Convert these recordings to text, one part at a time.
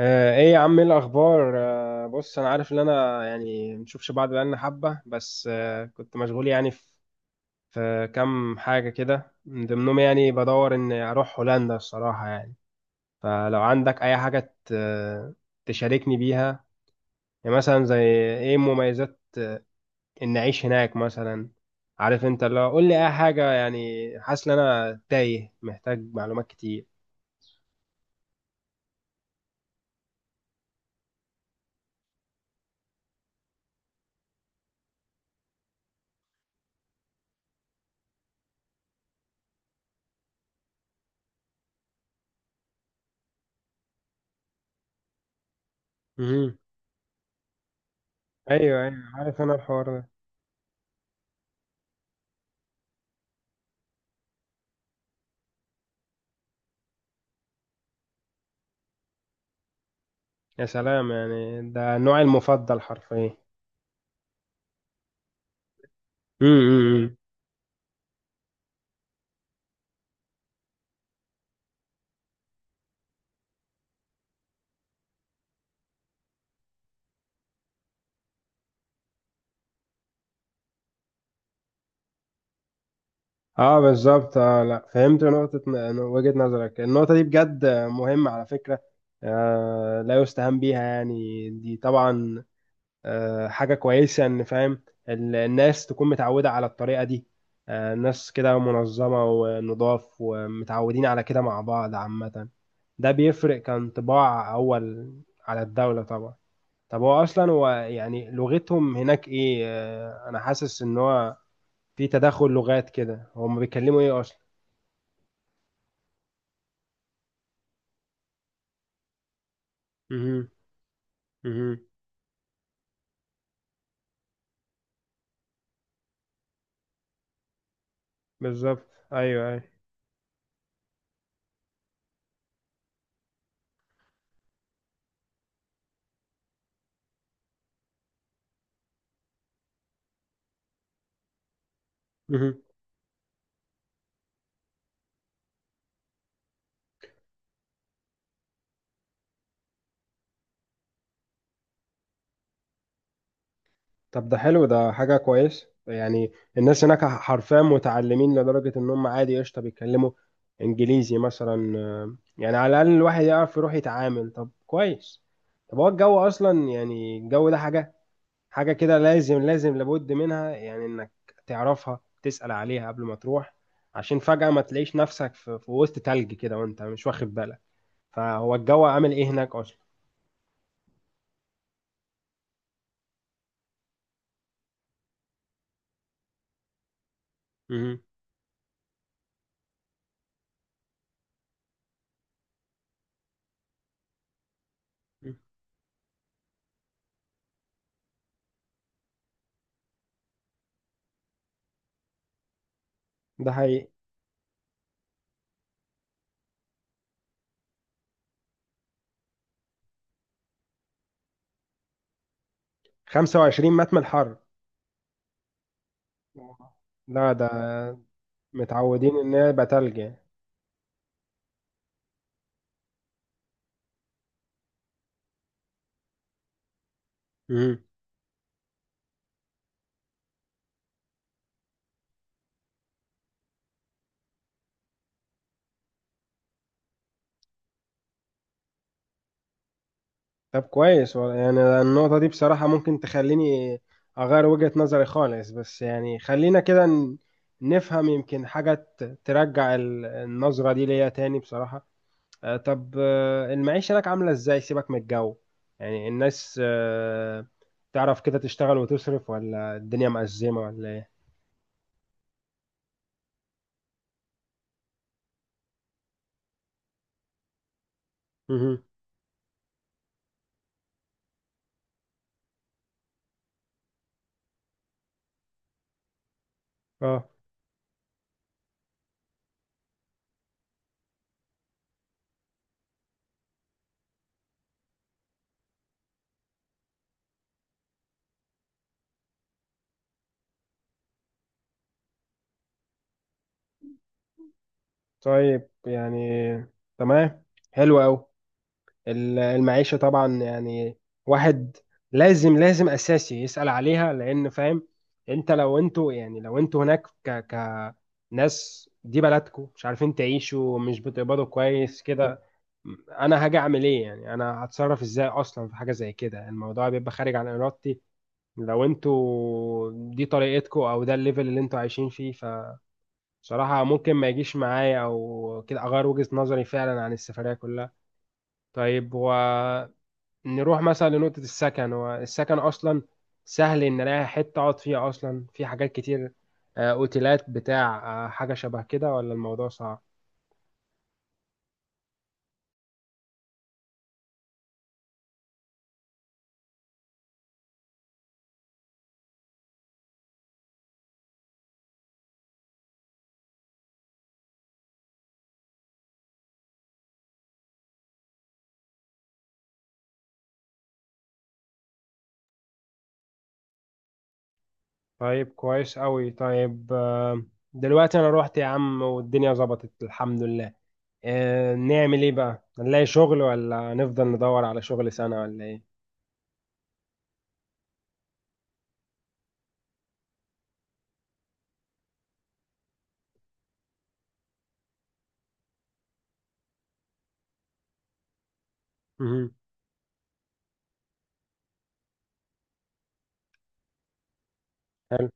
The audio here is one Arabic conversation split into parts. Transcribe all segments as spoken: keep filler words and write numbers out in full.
آه، ايه يا عم، ايه الاخبار؟ آه، بص، انا عارف ان انا يعني مشوفش بعض بقالنا حبه، بس آه، كنت مشغول يعني، في في كام حاجه كده، من ضمنهم يعني بدور ان اروح هولندا الصراحه يعني. فلو عندك اي حاجه ت- تشاركني بيها، يعني مثلا زي ايه مميزات ان اعيش هناك مثلا. عارف انت، لو قول لي اي حاجه، يعني حاسس ان انا تايه، محتاج معلومات كتير. مهم. ايوه ايوه، عارف انا الحوار ده. يا سلام، يعني ده نوعي المفضل حرفيا. امم. اه بالظبط، اه لا، فهمت نقطة ن- وجهة نظرك، النقطة دي بجد مهمة على فكرة. آه لا يستهان بيها يعني، دي طبعا آه حاجة كويسة ان فاهم ال- الناس تكون متعودة على الطريقة دي. آه الناس كده منظمة ونضاف ومتعودين على كده مع بعض عامة. ده بيفرق كان طباع أول على الدولة طبعا. طب هو أصلا، هو يعني لغتهم هناك إيه؟ انا حاسس ان هو في تداخل لغات كده، هم بيتكلموا ايه اصلا؟ مهم. مهم. بالظبط. ايوه ايوه. مهم. طب ده حلو، ده حاجه كويس يعني. الناس هناك حرفيا متعلمين لدرجه ان هم عادي، قشطه بيتكلموا انجليزي مثلا. آه، يعني على الاقل الواحد يعرف يروح يتعامل. طب كويس. طب هو الجو اصلا، يعني الجو ده حاجه حاجة كده، لازم لازم لابد منها، يعني انك تعرفها تسأل عليها قبل ما تروح، عشان فجأة ما تلاقيش نفسك في, في وسط تلج كده وانت مش واخد بالك. فهو الجو عامل ايه هناك اصلا؟ مهم. ده حقيقي. خمسة وعشرين متر من الحر! لا ده متعودين ان هي يبقى تلج يعني. مهم. طب كويس والله. يعني النقطة دي بصراحة ممكن تخليني أغير وجهة نظري خالص، بس يعني خلينا كده ن- نفهم، يمكن حاجة ت- ترجع ال- النظرة دي ليا تاني بصراحة. آه، طب، آه، المعيشة هناك عاملة إزاي؟ سيبك من الجو، يعني الناس آه، تعرف كده تشتغل وتصرف، ولا الدنيا مأزمة ولا إيه؟ مهم. آه طيب يعني، تمام، حلو أوي. ال- المعيشة طبعا يعني، واحد لازم لازم أساسي يسأل عليها، لأن فاهم أنت لو أنتوا، يعني لو أنتوا هناك ك كناس دي بلدكم، مش عارفين تعيشوا، مش بتقبضوا كويس كده، أنا هاجي أعمل إيه؟ يعني أنا هتصرف إزاي أصلا؟ في حاجة زي كده الموضوع بيبقى خارج عن إرادتي. لو أنتوا دي طريقتكم، أو ده الليفل اللي أنتوا عايشين فيه، فصراحة ممكن ما يجيش معايا، أو كده أغير وجهة نظري فعلا عن السفرية كلها. طيب هو، نروح مثلا لنقطة السكن. هو السكن أصلا سهل إن ألاقي حتة أقعد فيها أصلا؟ في حاجات كتير، آه، أوتيلات بتاع، آه، حاجة شبه كده، ولا الموضوع صعب؟ طيب كويس أوي. طيب، آه، دلوقتي أنا روحت يا عم والدنيا ظبطت الحمد لله. آه، نعمل إيه بقى، نلاقي شغل ولا نفضل ندور على شغل سنة ولا إيه؟ مهم. حلو.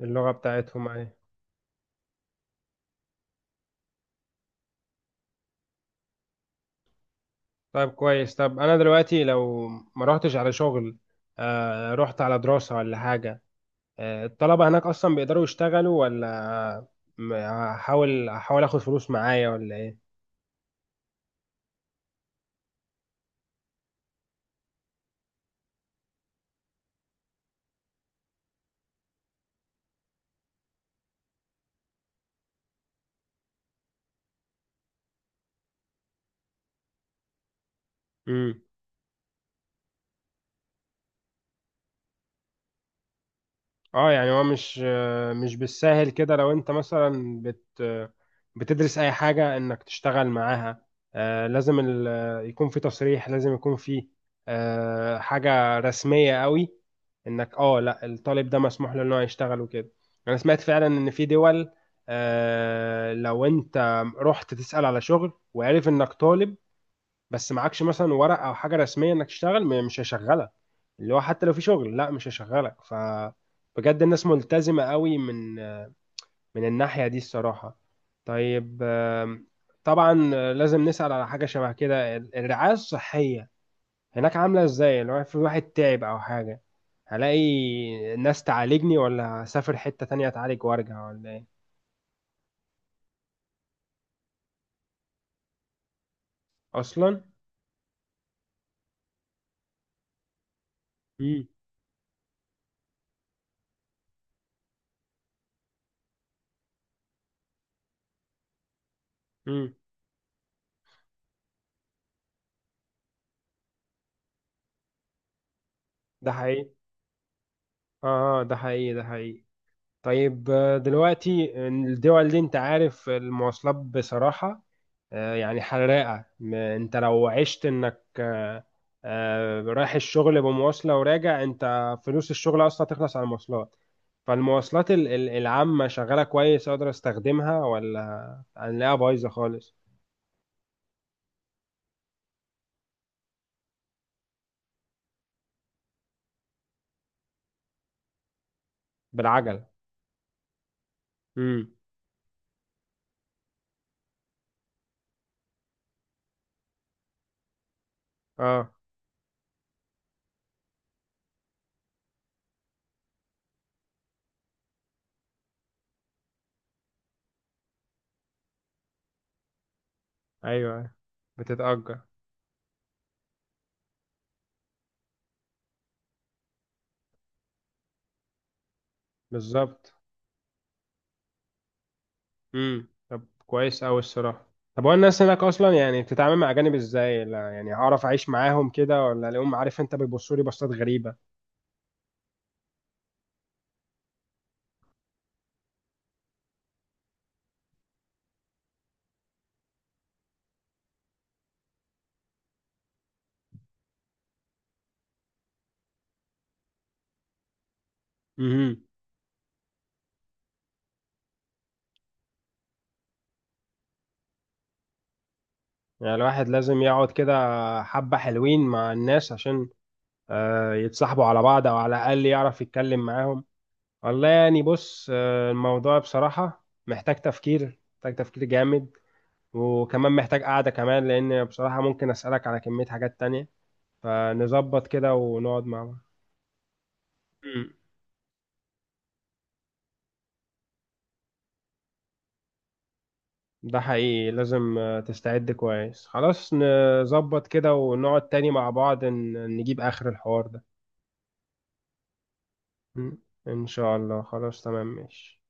اللغة بتاعتهم إيه؟ طيب كويس. طب أنا دلوقتي لو ما روحتش على شغل، آه، رحت على دراسة ولا حاجة، آه، الطلبة هناك أصلا بيقدروا يشتغلوا، ولا م- هحاول هحاول آخد فلوس معايا ولا إيه؟ مم. أه يعني هو مش، آه، مش بالساهل كده، لو أنت مثلا بت آه، بتدرس أي حاجة إنك تشتغل معاها. آه، لازم ال- آه، يكون في تصريح، لازم يكون في آه، حاجة رسمية قوي، إنك أه لأ الطالب ده مسموح له إن هو يشتغل وكده. أنا سمعت فعلا إن في دول، آه، لو أنت رحت تسأل على شغل وعرف إنك طالب، بس معكش مثلا ورق او حاجه رسميه انك تشتغل، م- مش هيشغلك. اللي هو حتى لو في شغل، لا، مش هيشغلك. ف بجد الناس ملتزمه قوي من من الناحيه دي الصراحه. طيب، آم، طبعا آه، لازم نسال على حاجه شبه كده، ال- الرعايه الصحيه هناك عامله ازاي؟ لو في واحد تعب او حاجه، هلاقي ناس تعالجني ولا هسافر حته تانية اتعالج وارجع ولا ايه؟ اصلا. امم. امم. ده حقيقي. اه. آه، ده حقيقي، ده حقيقي. طيب، آه، دلوقتي الدول دي انت عارف المواصلات بصراحة، آه، يعني حراقة. م- انت لو عشت انك، آه، آه، رايح الشغل بمواصلة وراجع، انت فلوس الشغل اصلا تخلص على المواصلات. فالمواصلات ال- ال- العامة شغالة كويس اقدر استخدمها، ولا هنلاقيها بايظة خالص؟ بالعجل؟ امم. اه. ايوه، أيوة. بتتأجر. بالظبط. امم. طب كويس قوي الصراحه. طب هو الناس هناك اصلا يعني بتتعامل مع اجانب ازاي؟ لا يعني هعرف اعيش معاهم كده، ولا اليوم عارف انت بيبصوا لي بصات غريبه؟ امم. يعني الواحد لازم يقعد كده حبه حلوين مع الناس عشان آه، يتصاحبوا على بعض، او على الاقل يعرف يتكلم معاهم. والله يعني بص، آه، الموضوع بصراحه محتاج تفكير، محتاج تفكير جامد. وكمان محتاج قعده كمان، لان بصراحه ممكن اسالك على كميه حاجات تانية، فنظبط كده ونقعد مع بعض. ده حقيقي، لازم آه، تستعد كويس. خلاص نظبط كده ونقعد تاني مع بعض، ن- نجيب آخر الحوار ده. م. إن شاء الله، خلاص، تمام ماشي.